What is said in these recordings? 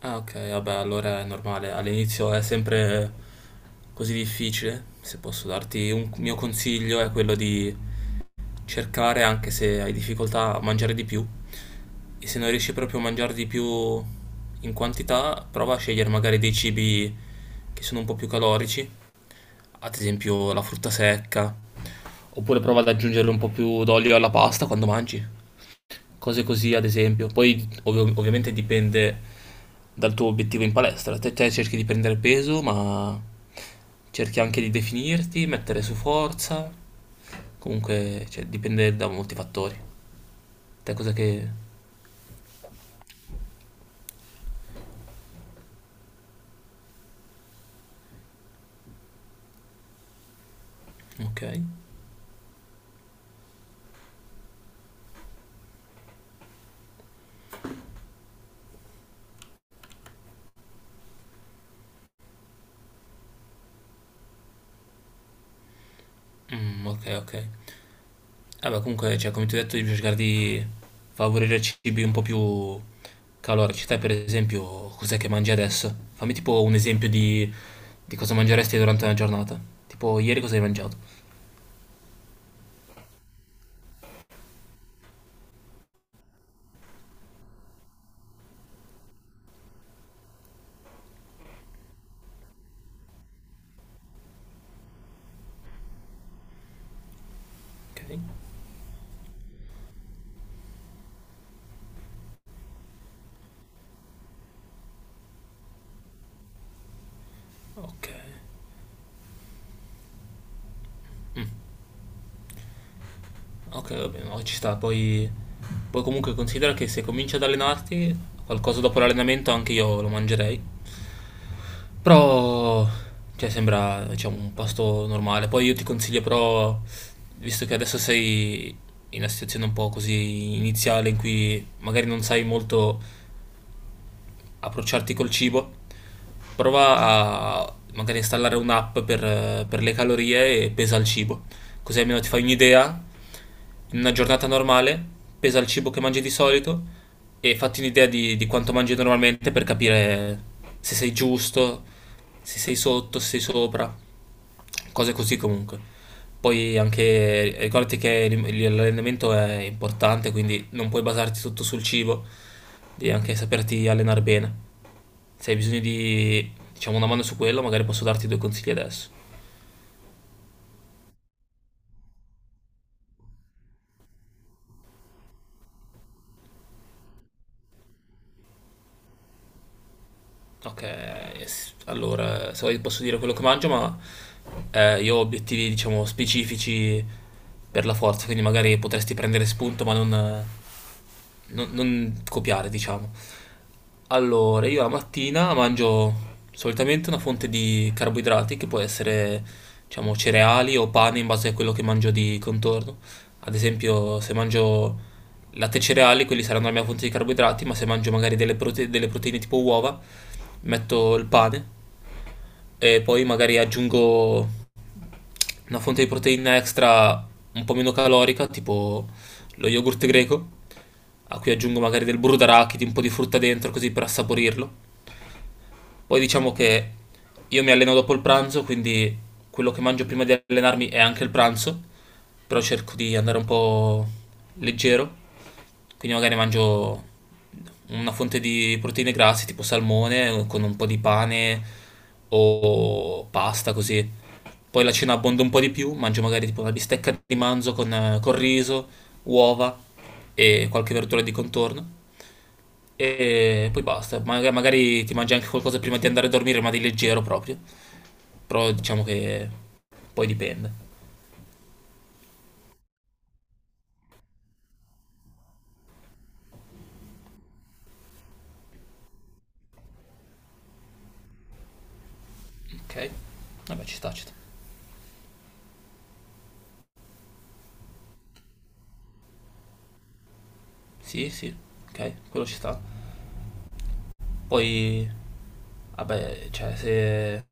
Ah, ok, vabbè, allora è normale. All'inizio è sempre così difficile. Se posso darti un mio consiglio è quello di cercare, anche se hai difficoltà, a mangiare di più. E se non riesci proprio a mangiare di più in quantità, prova a scegliere magari dei cibi che sono un po' più calorici, ad esempio la frutta secca, oppure prova ad aggiungere un po' più d'olio alla pasta quando mangi cose così ad esempio. Poi ovviamente dipende dal tuo obiettivo in palestra. Te cerchi di prendere peso, ma cerchi anche di definirti, mettere su forza. Comunque, cioè, dipende da molti fattori. Te cosa che... Ok. Mm, ok, ok. Vabbè, comunque, cioè, come ti ho detto, devi cercare di favorire cibi un po' più calorici. Te, per esempio, cos'è che mangi adesso? Fammi tipo un esempio di cosa mangeresti durante una giornata. Tipo, ieri cosa hai mangiato? Ok. Ok, ok, va bene, no, ci sta. Poi comunque considera che se cominci ad allenarti, qualcosa dopo l'allenamento anche io lo mangerei. Però, cioè, sembra, diciamo, un pasto normale. Poi io ti consiglio però, visto che adesso sei in una situazione un po' così iniziale in cui magari non sai molto approcciarti col cibo, prova a magari installare un'app per le calorie e pesa il cibo. Così almeno ti fai un'idea. In una giornata normale, pesa il cibo che mangi di solito e fatti un'idea di quanto mangi normalmente per capire se sei giusto, se sei sotto, se sei sopra, cose così comunque. Poi anche ricordati che l'allenamento è importante, quindi non puoi basarti tutto sul cibo, devi anche saperti allenare bene. Se hai bisogno di, diciamo, una mano su quello, magari posso darti due consigli adesso. Ok, allora, se vuoi posso dire quello che mangio, ma io ho obiettivi, diciamo, specifici per la forza, quindi magari potresti prendere spunto, ma non copiare, diciamo. Allora, io la mattina mangio solitamente una fonte di carboidrati che può essere, diciamo, cereali o pane in base a quello che mangio di contorno. Ad esempio, se mangio latte e cereali, quelli saranno la mia fonte di carboidrati, ma se mangio magari delle proteine tipo uova, metto il pane e poi magari aggiungo una fonte di proteina extra un po' meno calorica, tipo lo yogurt greco a cui aggiungo magari del burro d'arachidi, un po' di frutta dentro così per assaporirlo. Poi diciamo che io mi alleno dopo il pranzo, quindi quello che mangio prima di allenarmi è anche il pranzo, però cerco di andare un po' leggero, quindi magari mangio una fonte di proteine grasse, tipo salmone, con un po' di pane o pasta così. Poi la cena abbonda un po' di più, mangio magari tipo una bistecca di manzo con riso, uova e qualche verdura di contorno. E poi basta. Magari ti mangi anche qualcosa prima di andare a dormire, ma di leggero proprio. Però diciamo che poi dipende. Ok. Vabbè, ci sta, ci sta. Sì, sì, ok, quello ci sta. Poi, vabbè, cioè,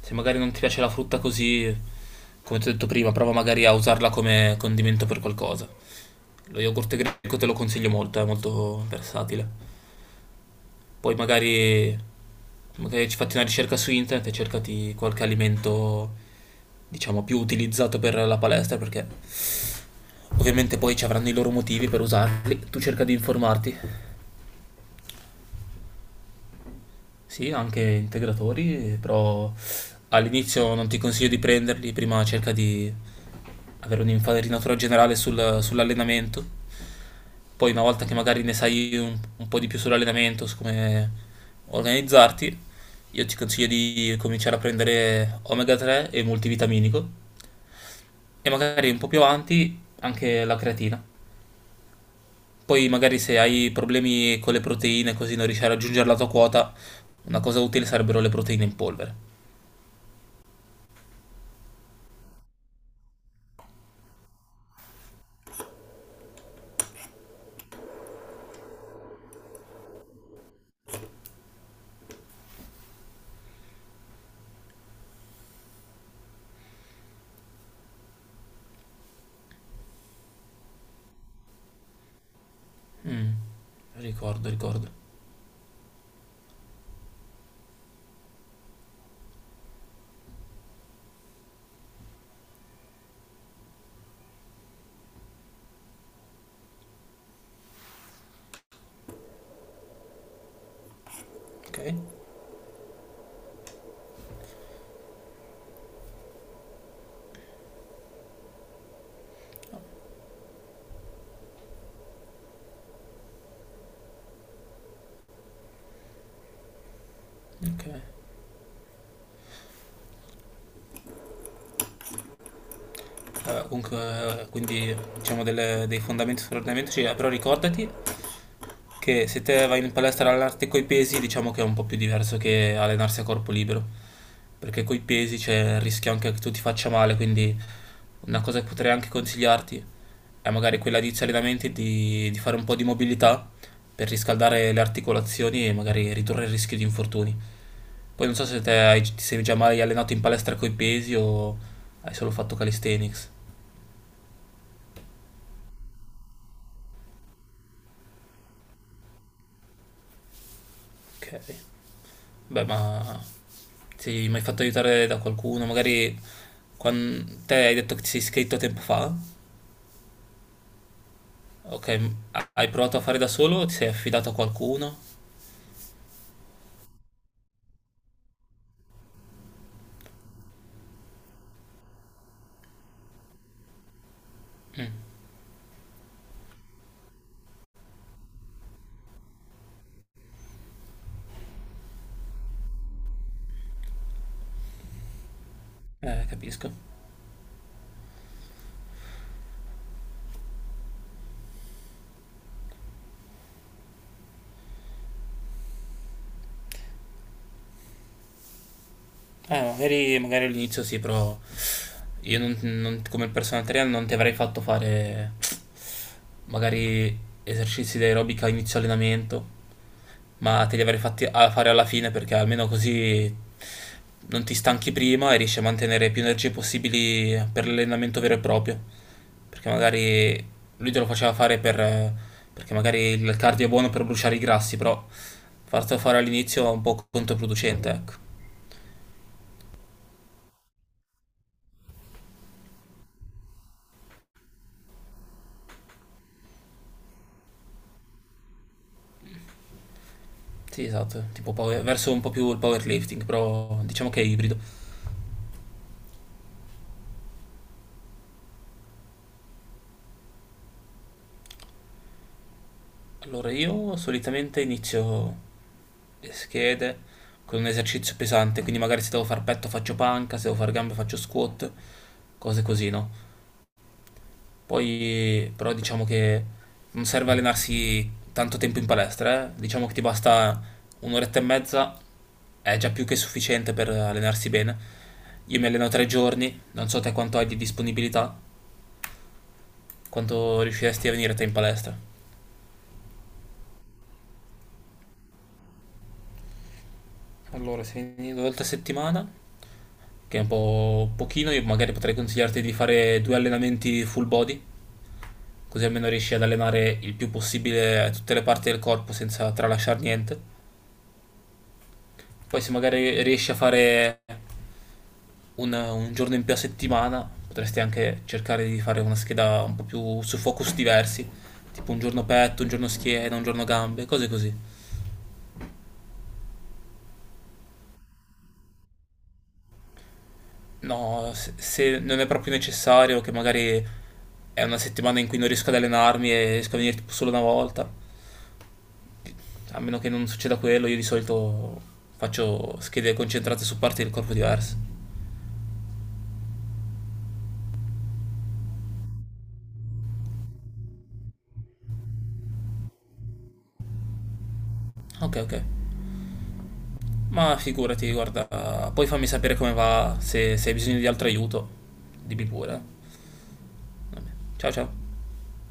se magari non ti piace la frutta così, come ti ho detto prima, prova magari a usarla come condimento per qualcosa. Lo yogurt greco te lo consiglio molto, è molto versatile. Poi magari ci fatti una ricerca su internet e cercati qualche alimento, diciamo, più utilizzato per la palestra, perché ovviamente poi ci avranno i loro motivi per usarli. Tu cerca di informarti. Sì, anche integratori, però all'inizio non ti consiglio di prenderli, prima cerca di avere un'infarinatura generale sull'allenamento, poi una volta che magari ne sai un po' di più sull'allenamento, su come organizzarti, io ti consiglio di cominciare a prendere omega 3 e multivitaminico e magari un po' più avanti anche la creatina. Poi magari se hai problemi con le proteine, così non riesci a raggiungere la tua quota, una cosa utile sarebbero le proteine in polvere. Mm. Ricordo, ricordo. Ok, ok. Comunque, quindi diciamo dei fondamenti sull'allenamento, però ricordati che se te vai in palestra ad allenarti coi pesi, diciamo che è un po' più diverso che allenarsi a corpo libero, perché coi pesi c'è il rischio anche che tu ti faccia male, quindi una cosa che potrei anche consigliarti è magari quella di inizio allenamenti di fare un po' di mobilità per riscaldare le articolazioni e magari ridurre il rischio di infortuni. Poi non so se te hai, ti sei già mai allenato in palestra coi pesi o hai solo fatto calisthenics. Ok. Beh, ma ti sei mai fatto aiutare da qualcuno? Magari quando te hai detto che ti sei iscritto tempo fa. Ok, hai provato a fare da solo o ti sei affidato a qualcuno? Capisco. Magari all'inizio sì, però io come personal trainer non ti avrei fatto fare magari esercizi di aerobica a inizio allenamento, ma te li avrei fatti a fare alla fine perché almeno così non ti stanchi prima e riesci a mantenere più energie possibili per l'allenamento vero e proprio. Perché magari lui te lo faceva fare perché magari il cardio è buono per bruciare i grassi, però fartelo fare all'inizio è un po' controproducente, ecco. Sì, esatto, tipo verso un po' più il powerlifting, però diciamo che è ibrido. Allora io solitamente inizio le schede con un esercizio pesante, quindi magari se devo far petto faccio panca, se devo far gambe faccio squat, cose così, no? Poi però diciamo che non serve allenarsi tanto tempo in palestra, eh? Diciamo che ti basta un'oretta e mezza, è già più che sufficiente per allenarsi bene. Io mi alleno 3 giorni, non so te quanto hai di disponibilità, quanto riusciresti a venire te in palestra. Allora, se vieni due volte a settimana, che è un po' pochino, io magari potrei consigliarti di fare due allenamenti full body, così almeno riesci ad allenare il più possibile tutte le parti del corpo senza tralasciare niente. Poi se magari riesci a fare un giorno in più a settimana, potresti anche cercare di fare una scheda un po' più su focus diversi, tipo un giorno petto, un giorno schiena, un giorno gambe, cose così. No, se non è proprio necessario, che magari è una settimana in cui non riesco ad allenarmi e riesco a venire tipo solo una volta, a meno che non succeda quello, io di solito faccio schede concentrate su parti del corpo diverse. Ok, ok. Ma figurati, guarda, poi fammi sapere come va, se hai bisogno di altro aiuto, dimmi pure. Ciao ciao.